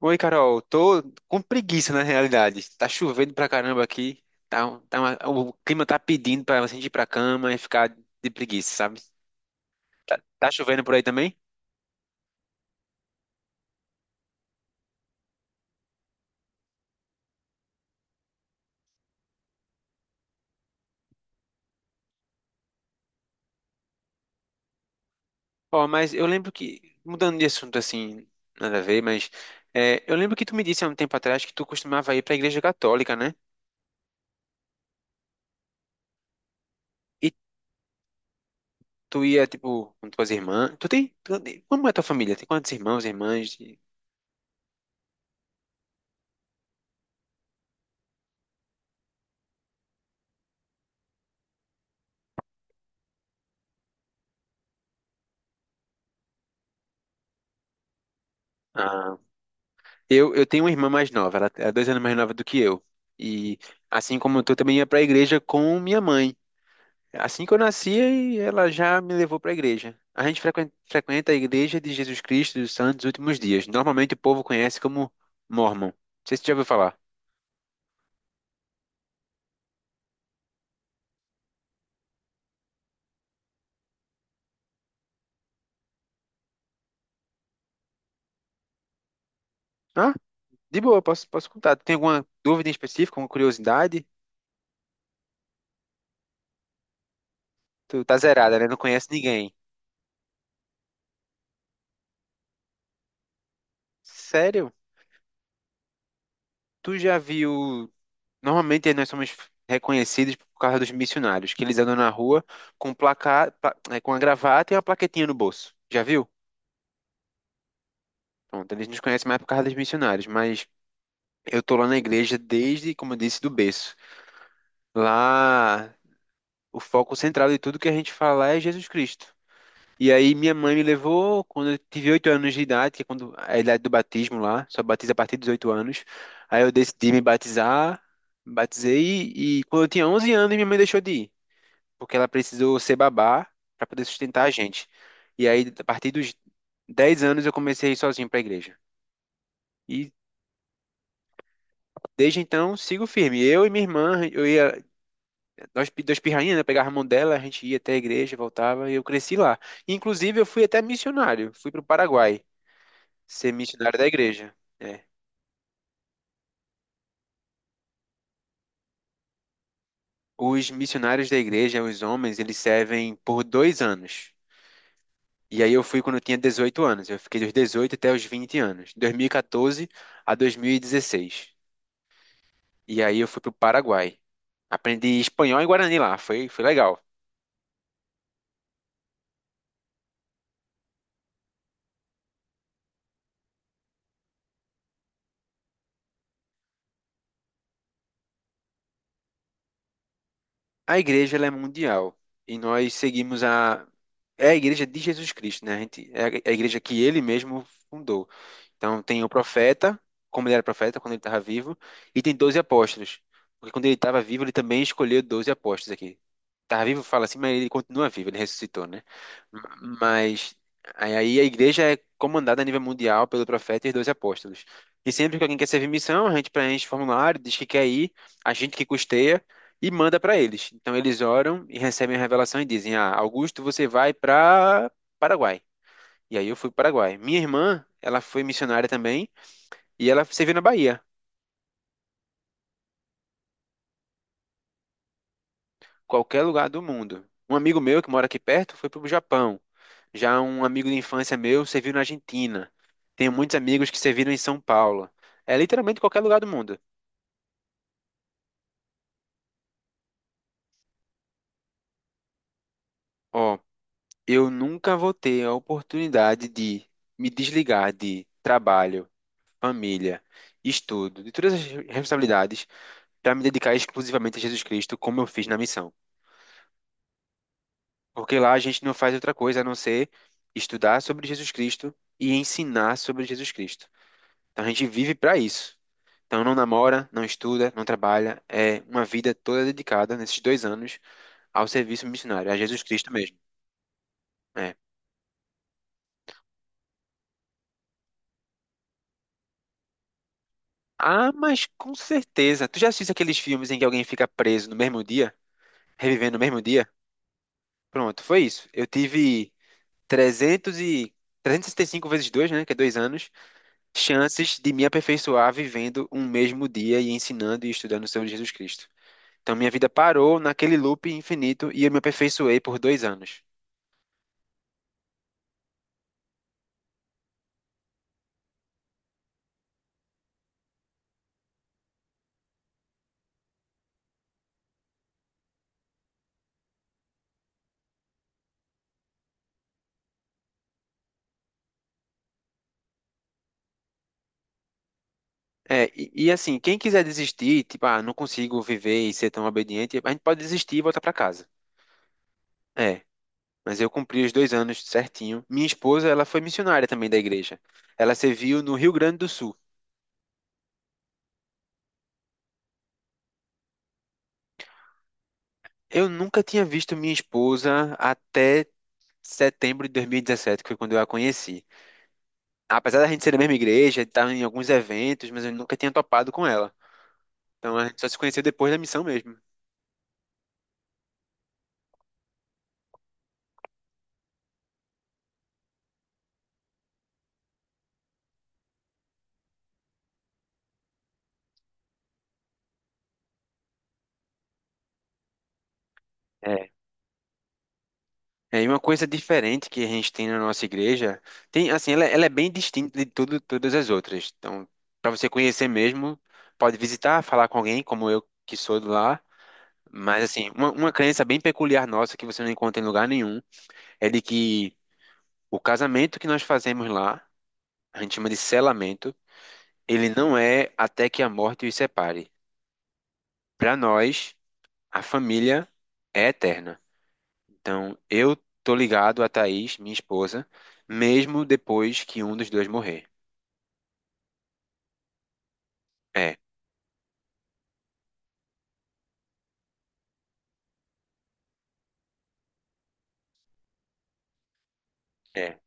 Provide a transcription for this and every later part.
Oi, Carol. Tô com preguiça na realidade. Tá chovendo pra caramba aqui. Tá, o clima tá pedindo pra você ir pra cama e ficar de preguiça, sabe? Tá, tá chovendo por aí também? Ó, mas eu lembro que, mudando de assunto assim, nada a ver, mas é, eu lembro que tu me disse há um tempo atrás que tu costumava ir pra igreja católica, né? E tu ia, tipo, com tuas irmãs. Como é tua família? Tem quantos irmãos, irmãs? Ah, eu tenho uma irmã mais nova, ela é 2 anos mais nova do que eu. E assim como eu tô, também ia pra igreja com minha mãe. Assim que eu nasci, e ela já me levou pra igreja. A gente frequenta a igreja de Jesus Cristo dos Santos dos Últimos Dias. Normalmente o povo conhece como Mormon. Não sei se você já ouviu falar. Ah, de boa, posso contar. Tem alguma dúvida em específico, alguma curiosidade? Tu tá zerada, né? Não conhece ninguém. Sério? Tu já viu? Normalmente nós somos reconhecidos por causa dos missionários, que eles andam na rua com placa, com a gravata e uma plaquetinha no bolso. Já viu? Pronto, eles nos conhecem mais por causa dos missionários, mas eu tô lá na igreja desde, como eu disse, do berço. Lá, o foco central de tudo que a gente fala é Jesus Cristo. E aí minha mãe me levou quando eu tive 8 anos de idade, que é quando a idade do batismo lá, só batiza a partir dos 8 anos. Aí eu decidi me batizar, batizei e quando eu tinha 11 anos minha mãe deixou de ir. Porque ela precisou ser babá para poder sustentar a gente. E aí, a partir dos 10 anos, eu comecei a ir sozinho para a igreja. E desde então, sigo firme. Eu e minha irmã, eu ia, duas pirrainhas, né? Pegava a mão dela, a gente ia até a igreja, voltava, e eu cresci lá. Inclusive, eu fui até missionário, fui para o Paraguai ser missionário da igreja. É. Os missionários da igreja, os homens, eles servem por 2 anos. E aí eu fui quando eu tinha 18 anos. Eu fiquei dos 18 até os 20 anos, 2014 a 2016. E aí eu fui pro Paraguai. Aprendi espanhol e guarani lá, foi legal. A igreja ela é mundial e nós seguimos a é a igreja de Jesus Cristo, né? A gente, é a igreja que ele mesmo fundou. Então tem o profeta, como ele era profeta quando ele estava vivo, e tem 12 apóstolos. Porque quando ele estava vivo, ele também escolheu 12 apóstolos aqui. Estava vivo, fala assim, mas ele continua vivo, ele ressuscitou, né? Mas aí a igreja é comandada a nível mundial pelo profeta e os 12 apóstolos. E sempre que alguém quer servir missão, a gente preenche o formulário, diz que quer ir, a gente que custeia e manda para eles. Então eles oram e recebem a revelação e dizem: Ah, Augusto, você vai para Paraguai. E aí eu fui para o Paraguai. Minha irmã, ela foi missionária também e ela serviu na Bahia, qualquer lugar do mundo. Um amigo meu que mora aqui perto foi para o Japão. Já um amigo de infância meu serviu na Argentina. Tenho muitos amigos que serviram em São Paulo. É literalmente qualquer lugar do mundo. Ó, eu nunca vou ter a oportunidade de me desligar de trabalho, família, estudo, de todas as responsabilidades para me dedicar exclusivamente a Jesus Cristo, como eu fiz na missão. Porque lá a gente não faz outra coisa a não ser estudar sobre Jesus Cristo e ensinar sobre Jesus Cristo. Então a gente vive para isso. Então não namora, não estuda, não trabalha. É uma vida toda dedicada nesses 2 anos ao serviço missionário, a Jesus Cristo mesmo. É. Ah, mas com certeza. Tu já assiste aqueles filmes em que alguém fica preso no mesmo dia, revivendo no mesmo dia? Pronto, foi isso. Eu tive 300 e... 365 vezes 2, né? Que é 2 anos. Chances de me aperfeiçoar vivendo um mesmo dia e ensinando e estudando sobre Jesus Cristo. Então, minha vida parou naquele loop infinito e eu me aperfeiçoei por 2 anos. É, e assim, quem quiser desistir, tipo, ah, não consigo viver e ser tão obediente, a gente pode desistir e voltar para casa. É, mas eu cumpri os 2 anos certinho. Minha esposa, ela foi missionária também da igreja. Ela serviu no Rio Grande do Sul. Eu nunca tinha visto minha esposa até setembro de 2017, que foi quando eu a conheci. Apesar da gente ser da mesma igreja, estar em alguns eventos, mas eu nunca tinha topado com ela. Então a gente só se conheceu depois da missão mesmo. É. É, e uma coisa diferente que a gente tem na nossa igreja, tem assim, ela é bem distinta de tudo, todas as outras. Então, para você conhecer mesmo, pode visitar, falar com alguém, como eu que sou de lá. Mas assim, uma crença bem peculiar nossa que você não encontra em lugar nenhum é de que o casamento que nós fazemos lá, a gente chama de selamento, ele não é até que a morte os separe. Para nós, a família é eterna. Então, eu tô ligado a Thaís, minha esposa, mesmo depois que um dos dois morrer. É, é.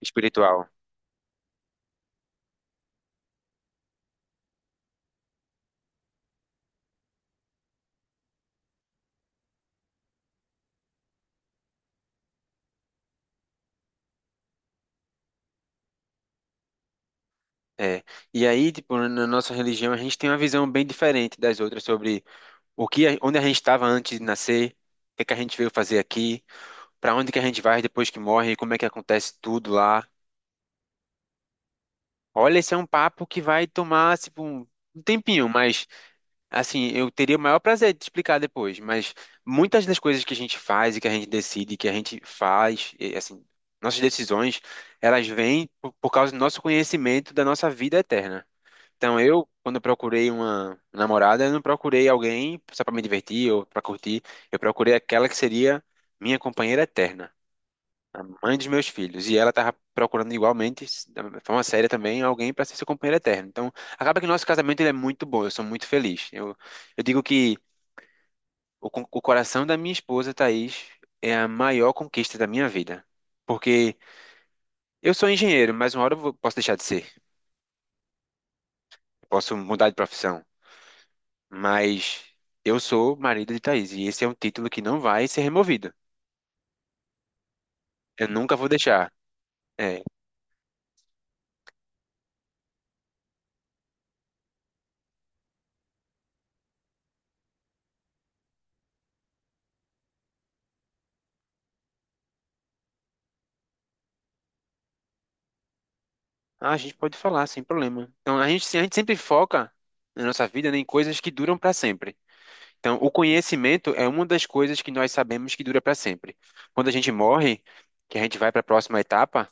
Espiritual. É. E aí, tipo, na nossa religião, a gente tem uma visão bem diferente das outras sobre o que, onde a gente estava antes de nascer, o que é que a gente veio fazer aqui, para onde que a gente vai depois que morre, como é que acontece tudo lá. Olha, esse é um papo que vai tomar, tipo, um tempinho, mas assim, eu teria o maior prazer de te explicar depois, mas muitas das coisas que a gente faz e que a gente decide, que a gente faz, e, assim, nossas decisões, elas vêm por causa do nosso conhecimento da nossa vida eterna. Então, eu, quando eu procurei uma namorada, eu não procurei alguém só para me divertir ou para curtir, eu procurei aquela que seria minha companheira eterna mãe dos meus filhos, e ela tava procurando igualmente, da mesma forma séria também, alguém para ser seu companheiro eterno. Então, acaba que nosso casamento ele é muito bom, eu sou muito feliz. Eu digo que o coração da minha esposa, Thaís, é a maior conquista da minha vida. Porque eu sou engenheiro, mas uma hora posso deixar de ser, posso mudar de profissão, mas eu sou marido de Thaís, e esse é um título que não vai ser removido. Eu nunca vou deixar. É. Ah, a gente pode falar sem problema. Então, a gente sempre foca na nossa vida né, em coisas que duram para sempre. Então, o conhecimento é uma das coisas que nós sabemos que dura para sempre. Quando a gente morre, que a gente vai para a próxima etapa,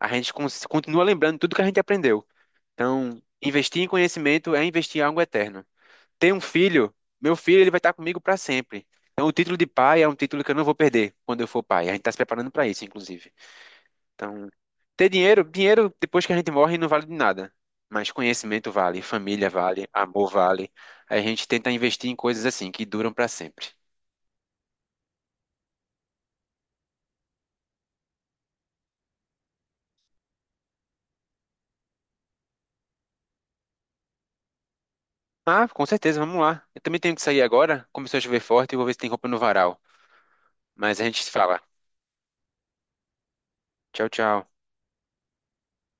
a gente continua lembrando tudo que a gente aprendeu. Então, investir em conhecimento é investir em algo eterno. Ter um filho, meu filho, ele vai estar comigo para sempre. Então, o título de pai é um título que eu não vou perder quando eu for pai. A gente está se preparando para isso, inclusive. Então, ter dinheiro, dinheiro depois que a gente morre não vale de nada. Mas conhecimento vale, família vale, amor vale. Aí a gente tenta investir em coisas assim que duram pra sempre. Ah, com certeza, vamos lá. Eu também tenho que sair agora. Começou a chover forte e vou ver se tem roupa no varal. Mas a gente se fala. Tchau, tchau.